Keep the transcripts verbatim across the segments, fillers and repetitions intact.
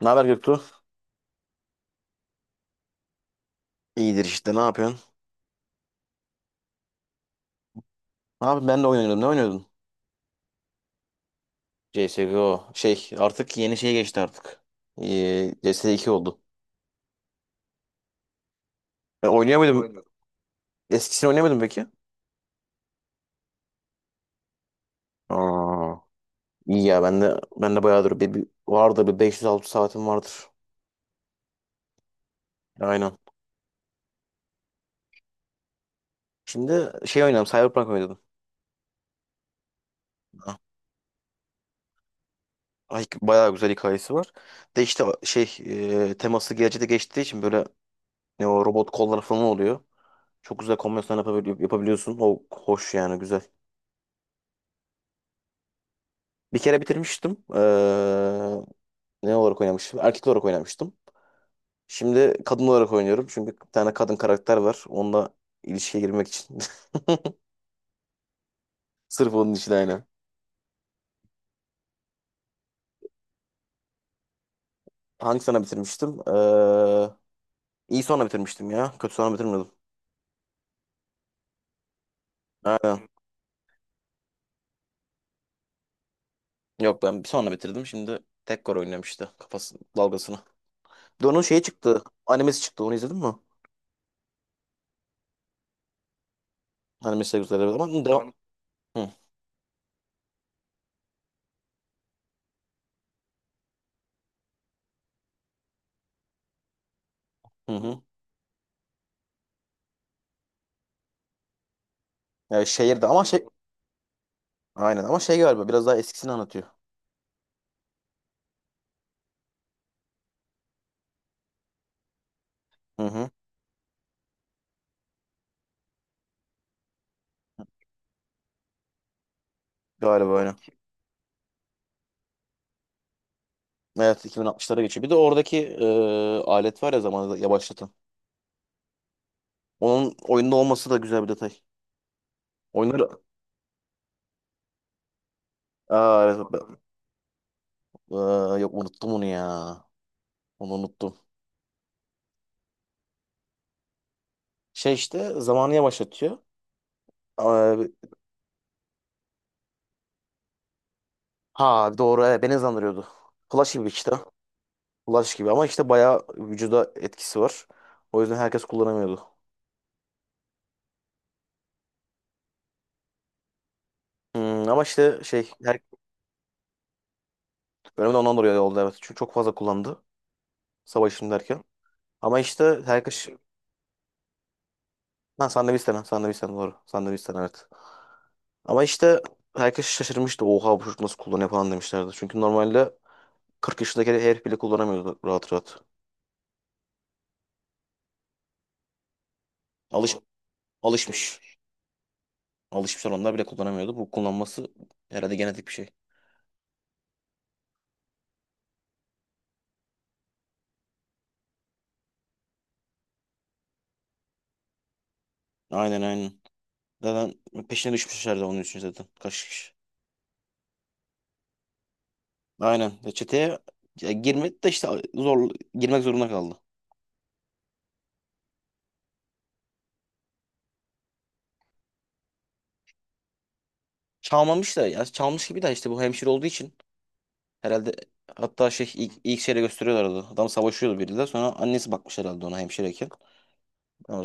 Ne haber Göktuğ? İyidir işte ne yapıyorsun? Abi ben de oynuyordum. Ne oynuyordun? C S G O. Şey artık yeni şeye geçti artık. Ee, C S iki oldu. E, oynuyor muydun? Eskisini oynayamadım peki. Aa, İyi ya ben de ben de bayağıdır bir, bir vardır bir beş yüz altı yüz saatim vardır. Aynen. Şimdi şey oynadım, Cyberpunk oynadım. ah, Ay, bayağı güzel hikayesi var. De işte şey e, teması gelecekte geçtiği için böyle ne o robot kollar falan oluyor. Çok güzel kombinasyonlar yapabili- yapabiliyorsun. O hoş yani, güzel. Bir kere bitirmiştim. Ee, ne olarak oynamıştım? Erkek olarak oynamıştım. Şimdi kadın olarak oynuyorum. Çünkü bir tane kadın karakter var. Onunla ilişkiye girmek için. Sırf onun için, aynen. Hangi sene bitirmiştim? Ee, iyi sonra bitirmiştim ya. Kötü sonra bitirmedim. Aynen. Yok, ben bir sonra bitirdim. Şimdi tek oynuyorum işte. Kafası dalgasını. Bir de onun şeyi çıktı. Animesi çıktı. Onu izledin mi? Animesi de güzel. Ama devam. Hı hı. Hı. Yani şehirde ama şey. Aynen ama şey galiba biraz daha eskisini anlatıyor. Hı hı. Galiba öyle. Evet, iki bin altmışlara geçiyor. Bir de oradaki e, alet var ya, zamanı yavaşlatan. Onun oyunda olması da güzel bir detay. Oyunları... Aa, evet, ben- Aa, yok, unuttum onu ya. Onu unuttum. Şey işte zamanı yavaşlatıyor. Aa, ha doğru, evet, beni hızlandırıyordu. Flash gibi işte. Flash gibi ama işte bayağı vücuda etkisi var. O yüzden herkes kullanamıyordu. Hmm, ama işte şey her bölümde ondan dolayı oldu, evet. Çünkü çok fazla kullandı, savaşın derken. Ama işte herkes... Ha, Sandviçten, Sandviçten doğru. Sandviçten, evet. Ama işte herkes şaşırmıştı. Oha, bu çocuk nasıl kullanıyor falan demişlerdi. Çünkü normalde kırk yaşındaki herif bile kullanamıyordu rahat rahat. Alış, Alışmış, alışmış onlar bile kullanamıyordu. Bu kullanması herhalde genetik bir şey. Aynen, aynen. Zaten peşine düşmüşlerdi onun için zaten. Kaç kişi. Aynen. Ya çeteye ya girmedi de işte, zor girmek zorunda kaldı. Çalmamış da ya çalmış gibi de işte, bu hemşire olduğu için herhalde. Hatta şey ilk, ilk şeyle gösteriyorlardı. Adam savaşıyordu biriyle, sonra annesi bakmış herhalde ona hemşireyken. Ama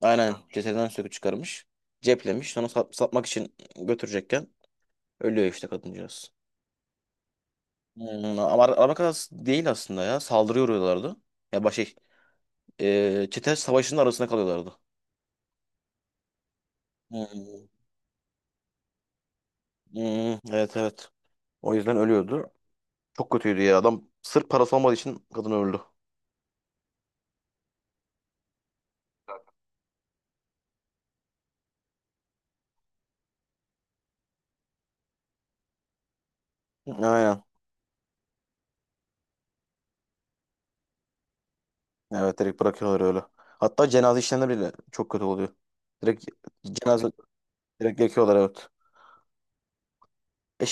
aynen, cesedden söküp çıkarmış. Ceplemiş. Sonra sat- satmak için götürecekken ölüyor işte kadıncağız. Hmm, ama ara- araba kazası değil aslında ya. Saldırıya uğruyorlardı. Ya baş şey, e, çete savaşının arasında kalıyorlardı. Hmm, hmm, evet, evet. O yüzden ölüyordu. Çok kötüydü ya. Adam sırf parası olmadığı için kadın öldü. Aynen. Evet, direkt bırakıyorlar öyle. Hatta cenaze işlemleri bile çok kötü oluyor. Direkt cenaze, direkt yakıyorlar, evet. E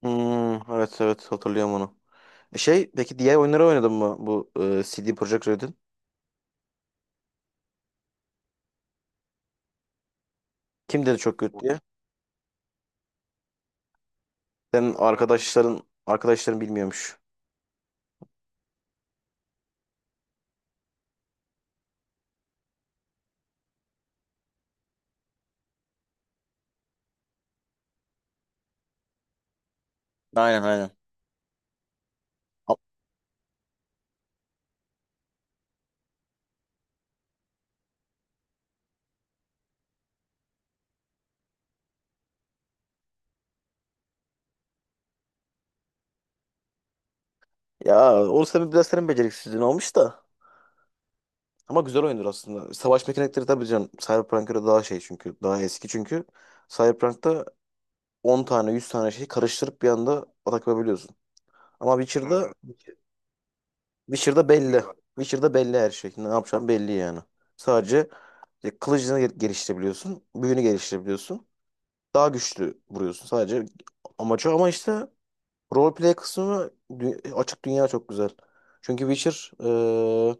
Hmm, evet, evet, hatırlıyorum onu. E Şey peki, diğer oyunları oynadın mı bu e, C D Projekt Red'in? Kim dedi çok kötü diye? Senin arkadaşların arkadaşların bilmiyormuş. Aynen, aynen. A- Ya o sebebi biraz senin beceriksizliğin olmuş da. Ama güzel oyundur aslında. Savaş mekanikleri, tabii canım. Cyberpunk'a göre daha şey, çünkü daha eski çünkü. Cyberpunk'ta on tane yüz tane şeyi karıştırıp bir anda atak yapabiliyorsun. Ama Witcher'da Witcher'da belli. Witcher'da belli her şey. Ne yapacağım belli yani. Sadece e, kılıcını gel- geliştirebiliyorsun. Büyünü geliştirebiliyorsun. Daha güçlü vuruyorsun. Sadece amacı, ama işte roleplay kısmı dü-, açık dünya çok güzel. Çünkü Witcher e,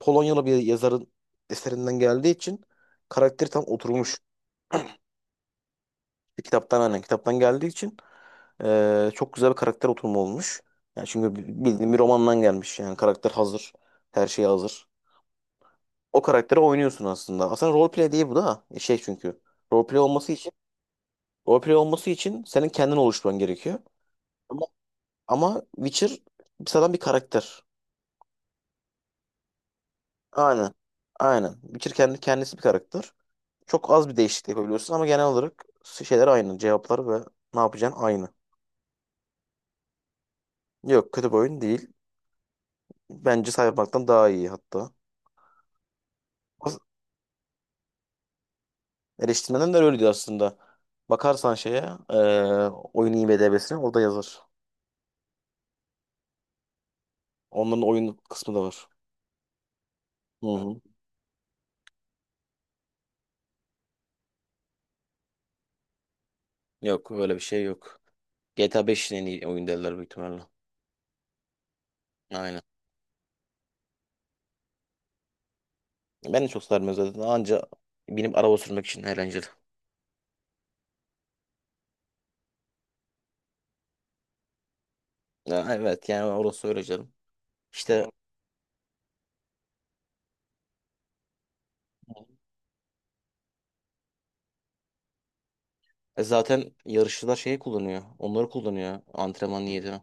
Polonyalı bir yazarın eserinden geldiği için karakteri tam oturmuş. Bir kitaptan, aynen, kitaptan geldiği için e, çok güzel bir karakter oturumu olmuş. Yani çünkü bi- bildiğin bir romandan gelmiş, yani karakter hazır. Her şey hazır. O karakteri oynuyorsun aslında. Aslında roleplay değil bu da. Şey çünkü. Roleplay olması için roleplay olması için senin kendin oluşturman gerekiyor. Ama, ama Witcher sıradan bir karakter. Aynen. Aynen. Witcher kendi kendisi bir karakter. Çok az bir değişiklik yapabiliyorsun ama genel olarak şeyler aynı. Cevaplar ve ne yapacağın aynı. Yok, kötü bir oyun değil. Bence Cyberpunk'tan daha iyi hatta. As- Eleştirmenler de öyle diyor aslında. Bakarsan şeye, eee oyun IMDb'sine, orada yazar. Onların oyun kısmı da var. Hı hı. Yok, öyle bir şey yok. G T A beşin en iyi oyun derler büyük ihtimalle. Aynen. Ben de çok sarmıyor zaten. Anca benim araba sürmek için eğlenceli. Ya, evet, yani orası öyle canım. İşte e, zaten yarışçılar şeyi kullanıyor. Onları kullanıyor antrenman niyetine.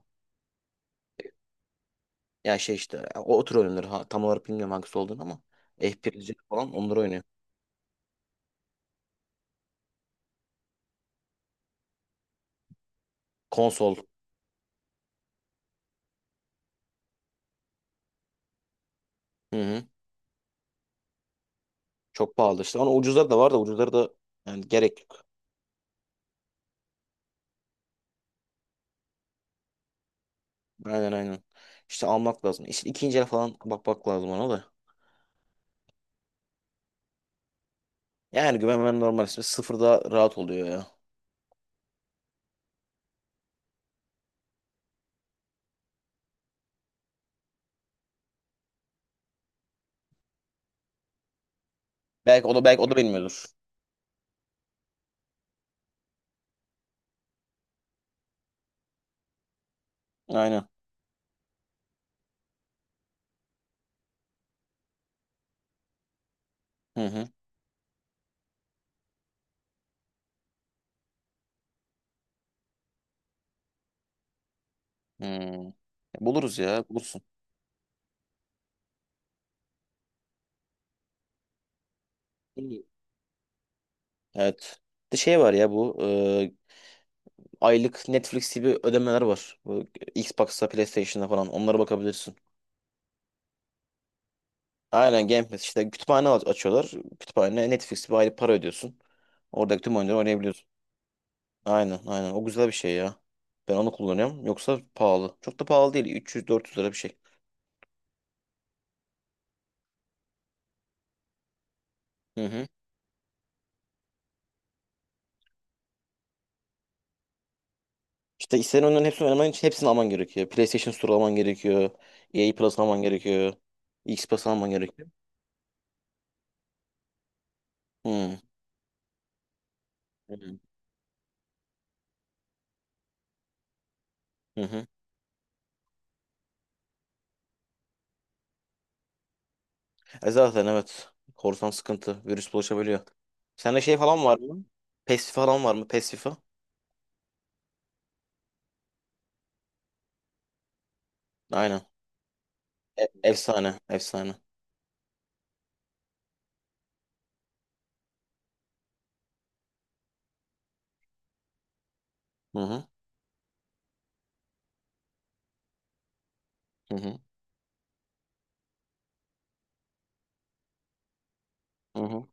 Ya şey işte, o, o tür oyunlar. Ha, tam olarak bilmiyorum hangisi olduğunu ama F birci falan onları oynuyor. Konsol. Hı hı. Çok pahalı işte. Ama ucuzları da var da, ucuzları da yani gerek yok. Aynen, aynen. İşte almak lazım. İşte ikinci el falan bakmak lazım ona da. Yani güvenmem normal, ismi sıfırda rahat oluyor ya. Belki o da belki o da bilmiyordur. Aynen. Hı hı. Hmm. E, Buluruz ya, bulursun. İyi. Evet. Bir de şey var ya bu e, aylık Netflix gibi ödemeler var. Bu Xbox'ta, PlayStation'da falan, onlara bakabilirsin. Aynen, Game Pass işte, kütüphane aç- açıyorlar. Kütüphane Netflix, bir aylık para ödüyorsun. Oradaki tüm oyunları oynayabiliyorsun. Aynen, aynen, o güzel bir şey ya. Ben onu kullanıyorum. Yoksa pahalı. Çok da pahalı değil. üç yüz dört yüz lira bir şey. Hı hı. İşte istenen oyunların hepsini oynaman için hepsini alman gerekiyor. PlayStation Store alman gerekiyor. E A Plus alman gerekiyor. X Plus alman gerekiyor. Hmm. Hı hı. Hı hı. E zaten, evet. Korsan sıkıntı. Virüs bulaşabiliyor. Sende şey falan var mı? PES falan var mı? PES, FIFA. Aynen. E- efsane. Efsane. Hı hı. Hı hı. Hı hı.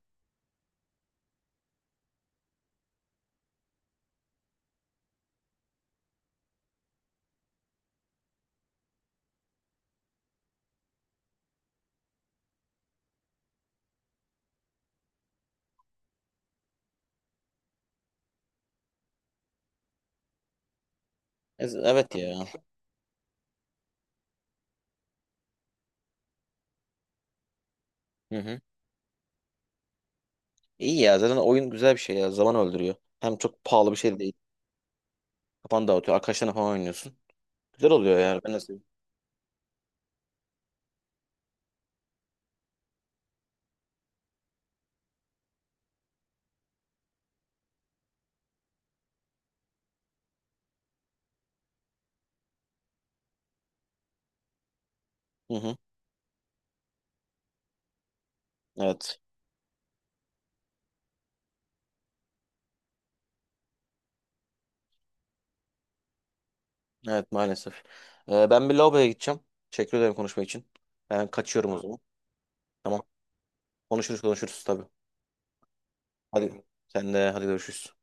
E z- evet ya. Hı hı. İyi ya. Zaten oyun güzel bir şey ya. Zaman öldürüyor. Hem çok pahalı bir şey de değil. Kafanı dağıtıyor. Arkadaşlarına falan oynuyorsun. Güzel oluyor yani. Ben de seviyorum. Hı hı. Evet. Evet, maalesef. Ee, ben bir lavaboya gideceğim. Teşekkür ederim konuşma için. Ben kaçıyorum, o Tamam zaman. Tamam. Konuşuruz, konuşuruz, tabii. Hadi. Sen de hadi, görüşürüz.